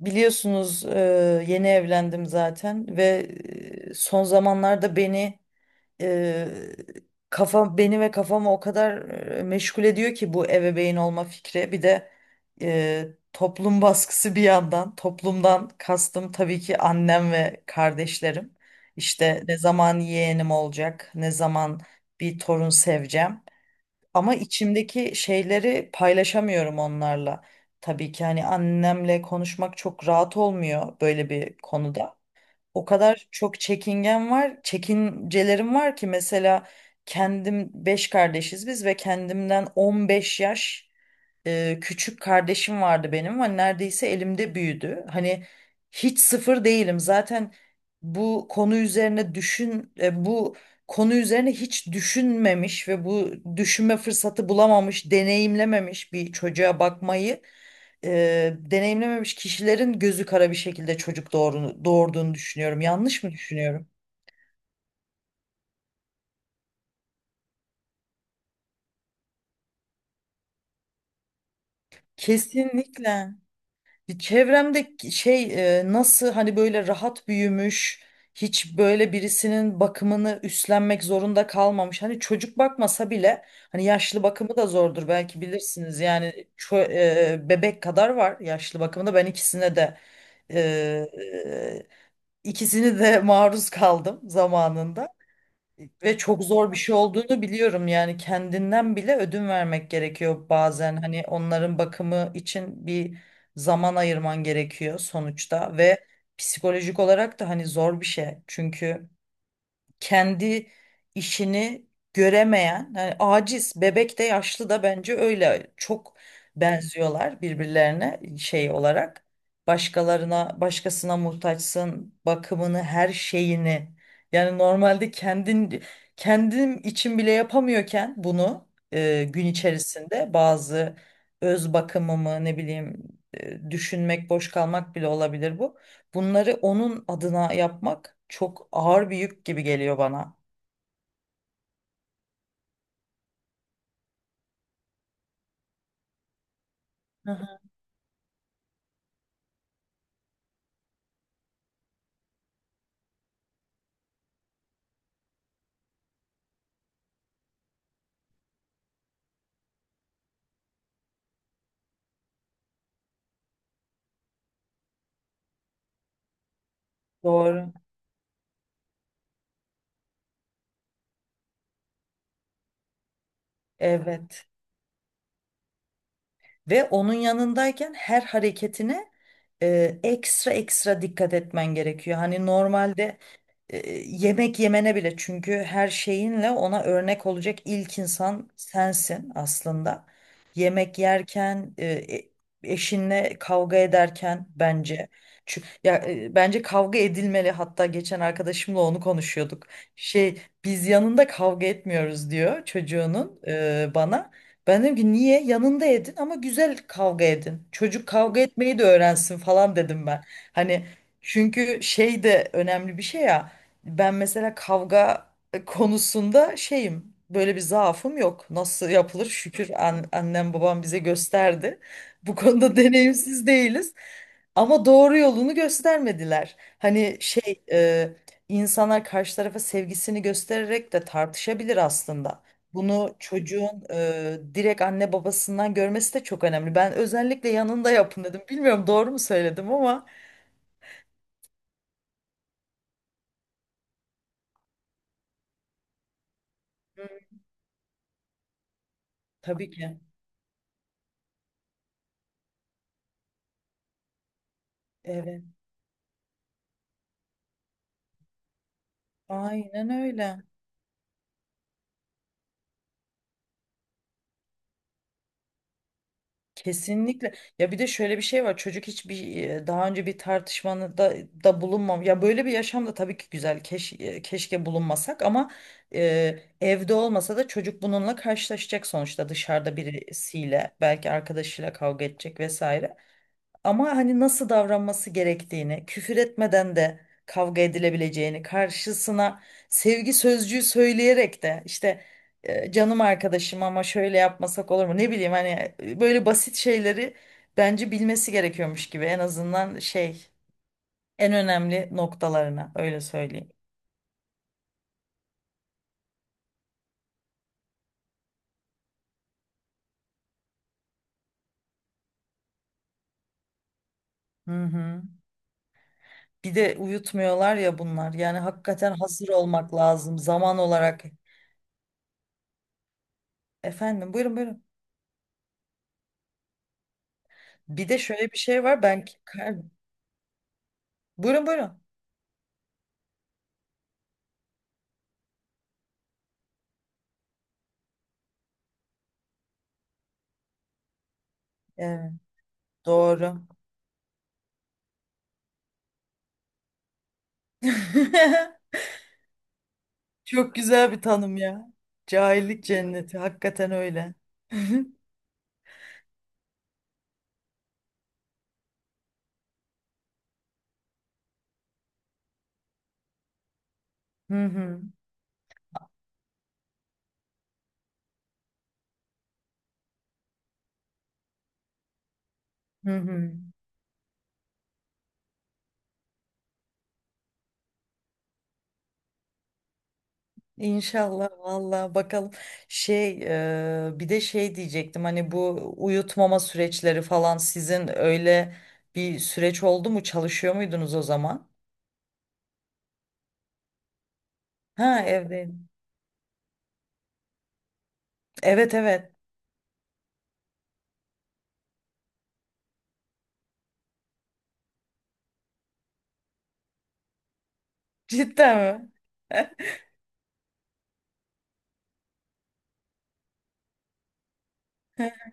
Biliyorsunuz yeni evlendim zaten ve son zamanlarda beni e, kafa beni ve kafamı o kadar meşgul ediyor ki bu ebeveyn olma fikri. Bir de e, toplum baskısı bir yandan. Toplumdan kastım tabii ki annem ve kardeşlerim. İşte ne zaman yeğenim olacak, ne zaman bir torun seveceğim. Ama içimdeki şeyleri paylaşamıyorum onlarla. Tabii ki hani annemle konuşmak çok rahat olmuyor böyle bir konuda, o kadar çok çekingen var, çekincelerim var ki. Mesela kendim 5 kardeşiz biz ve kendimden 15 yaş küçük kardeşim vardı benim. Hani neredeyse elimde büyüdü. Hani hiç sıfır değilim. Zaten bu konu üzerine hiç düşünmemiş ve bu düşünme fırsatı bulamamış, deneyimlememiş bir çocuğa bakmayı deneyimlememiş kişilerin gözü kara bir şekilde çocuk doğurduğunu düşünüyorum. Yanlış mı düşünüyorum? Kesinlikle. Çevremde şey nasıl hani böyle rahat büyümüş, hiç böyle birisinin bakımını üstlenmek zorunda kalmamış. Hani çocuk bakmasa bile hani yaşlı bakımı da zordur, belki bilirsiniz. Yani bebek kadar var yaşlı bakımında. Ben ikisine de e, e, ikisini de maruz kaldım zamanında. Ve çok zor bir şey olduğunu biliyorum. Yani kendinden bile ödün vermek gerekiyor bazen, hani onların bakımı için bir zaman ayırman gerekiyor sonuçta. Ve psikolojik olarak da hani zor bir şey, çünkü kendi işini göremeyen, yani aciz, bebek de yaşlı da bence öyle çok benziyorlar birbirlerine şey olarak. Başkasına muhtaçsın, bakımını, her şeyini. Yani normalde kendim için bile yapamıyorken bunu gün içerisinde bazı öz bakımımı, ne bileyim düşünmek, boş kalmak bile olabilir bu. Bunları onun adına yapmak çok ağır bir yük gibi geliyor bana. Hı hı. Doğru. Evet. Ve onun yanındayken her hareketine ekstra ekstra dikkat etmen gerekiyor. Hani normalde yemek yemene bile, çünkü her şeyinle ona örnek olacak ilk insan sensin aslında. Yemek yerken, eşinle kavga ederken bence, çünkü ya, bence kavga edilmeli. Hatta geçen arkadaşımla onu konuşuyorduk. Şey, biz yanında kavga etmiyoruz diyor çocuğunun, bana. Ben dedim ki niye? Yanında edin ama güzel kavga edin. Çocuk kavga etmeyi de öğrensin falan dedim ben. Hani çünkü şey de önemli bir şey ya. Ben mesela kavga konusunda şeyim. Böyle bir zaafım yok. Nasıl yapılır? Şükür, annem babam bize gösterdi. Bu konuda deneyimsiz değiliz. Ama doğru yolunu göstermediler. Hani şey, insanlar karşı tarafa sevgisini göstererek de tartışabilir aslında. Bunu çocuğun direkt anne babasından görmesi de çok önemli. Ben özellikle yanında yapın dedim. Bilmiyorum doğru mu söyledim ama... Hı. Tabii ki. Evet. Aynen öyle. Kesinlikle. Ya bir de şöyle bir şey var. Çocuk hiçbir, daha önce bir tartışmanı da bulunmam. Ya böyle bir yaşam da tabii ki güzel. Keşke bulunmasak ama evde olmasa da çocuk bununla karşılaşacak sonuçta, dışarıda birisiyle, belki arkadaşıyla kavga edecek vesaire. Ama hani nasıl davranması gerektiğini, küfür etmeden de kavga edilebileceğini, karşısına sevgi sözcüğü söyleyerek de işte, canım arkadaşım ama şöyle yapmasak olur mu? Ne bileyim, hani böyle basit şeyleri bence bilmesi gerekiyormuş gibi, en azından şey, en önemli noktalarına, öyle söyleyeyim. Hı hı. Bir de uyutmuyorlar ya bunlar. Yani hakikaten hazır olmak lazım zaman olarak. Efendim, buyurun buyurun. Bir de şöyle bir şey var ben, buyurun buyurun. Evet, doğru. Çok güzel bir tanım ya. Cahillik cenneti. Hakikaten öyle. Hı hı, hı hı. İnşallah, valla bakalım. Şey, bir de şey diyecektim, hani bu uyutmama süreçleri falan sizin öyle bir süreç oldu mu, çalışıyor muydunuz o zaman? Ha, evdeydim. Evet, evet. Cidden mi?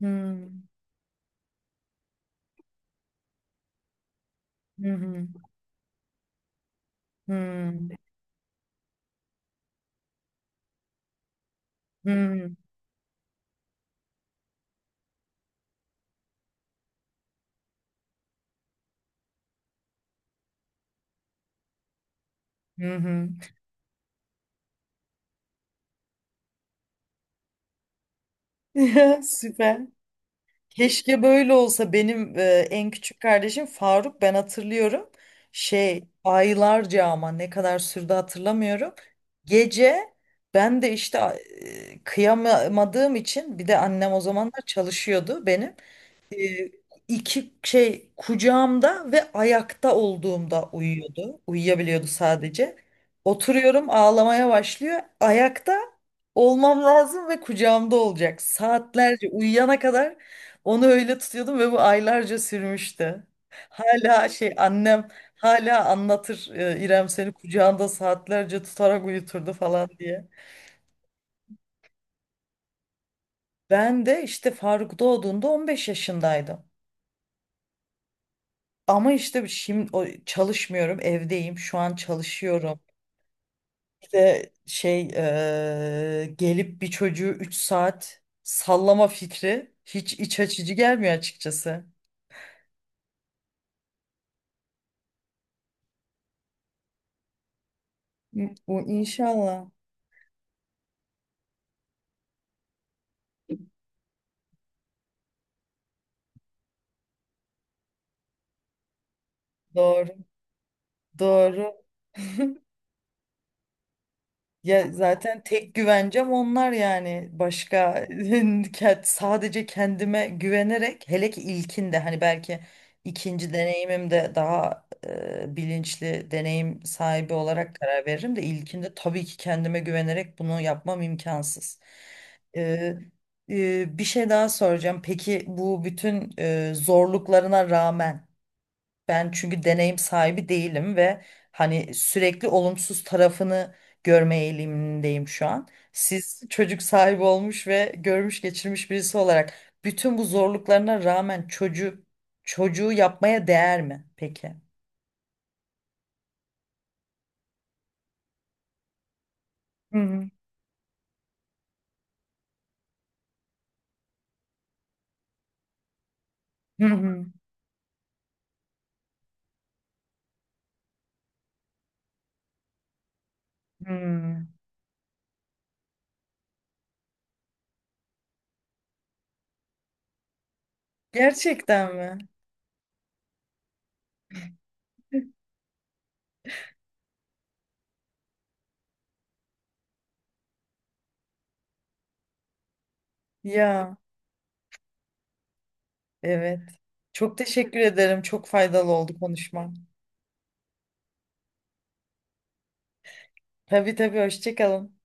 Hmm, hı hı, hı hı, hı hı. Ya, süper. Keşke böyle olsa benim. En küçük kardeşim Faruk, ben hatırlıyorum. Şey aylarca, ama ne kadar sürdü hatırlamıyorum. Gece ben de işte kıyamadığım için, bir de annem o zamanlar çalışıyordu benim, e, iki şey, kucağımda ve ayakta olduğumda uyuyordu. Uyuyabiliyordu sadece. Oturuyorum, ağlamaya başlıyor. Ayakta olmam lazım ve kucağımda olacak. Saatlerce, uyuyana kadar onu öyle tutuyordum ve bu aylarca sürmüştü. Hala şey, annem hala anlatır, İrem seni kucağında saatlerce tutarak uyuturdu falan diye. Ben de işte Faruk doğduğunda 15 yaşındaydım. Ama işte şimdi çalışmıyorum, evdeyim. Şu an çalışıyorum. Bir de şey, gelip bir çocuğu 3 saat sallama fikri hiç iç açıcı gelmiyor açıkçası. Bu inşallah. Doğru, doğru. Ya zaten tek güvencem onlar, yani başka sadece kendime güvenerek, hele ki ilkinde, hani belki ikinci deneyimimde daha bilinçli, deneyim sahibi olarak karar veririm, de ilkinde tabii ki kendime güvenerek bunu yapmam imkansız. Ee, bir şey daha soracağım. Peki bu bütün zorluklarına rağmen, ben çünkü deneyim sahibi değilim ve hani sürekli olumsuz tarafını görme eğilimindeyim şu an. Siz çocuk sahibi olmuş ve görmüş geçirmiş birisi olarak, bütün bu zorluklarına rağmen çocuğu yapmaya değer mi peki? Hı hı. Hı hı. Hı. Gerçekten mi? Ya, evet. Çok teşekkür ederim. Çok faydalı oldu konuşma. Tabii tabii, hoşça kalın.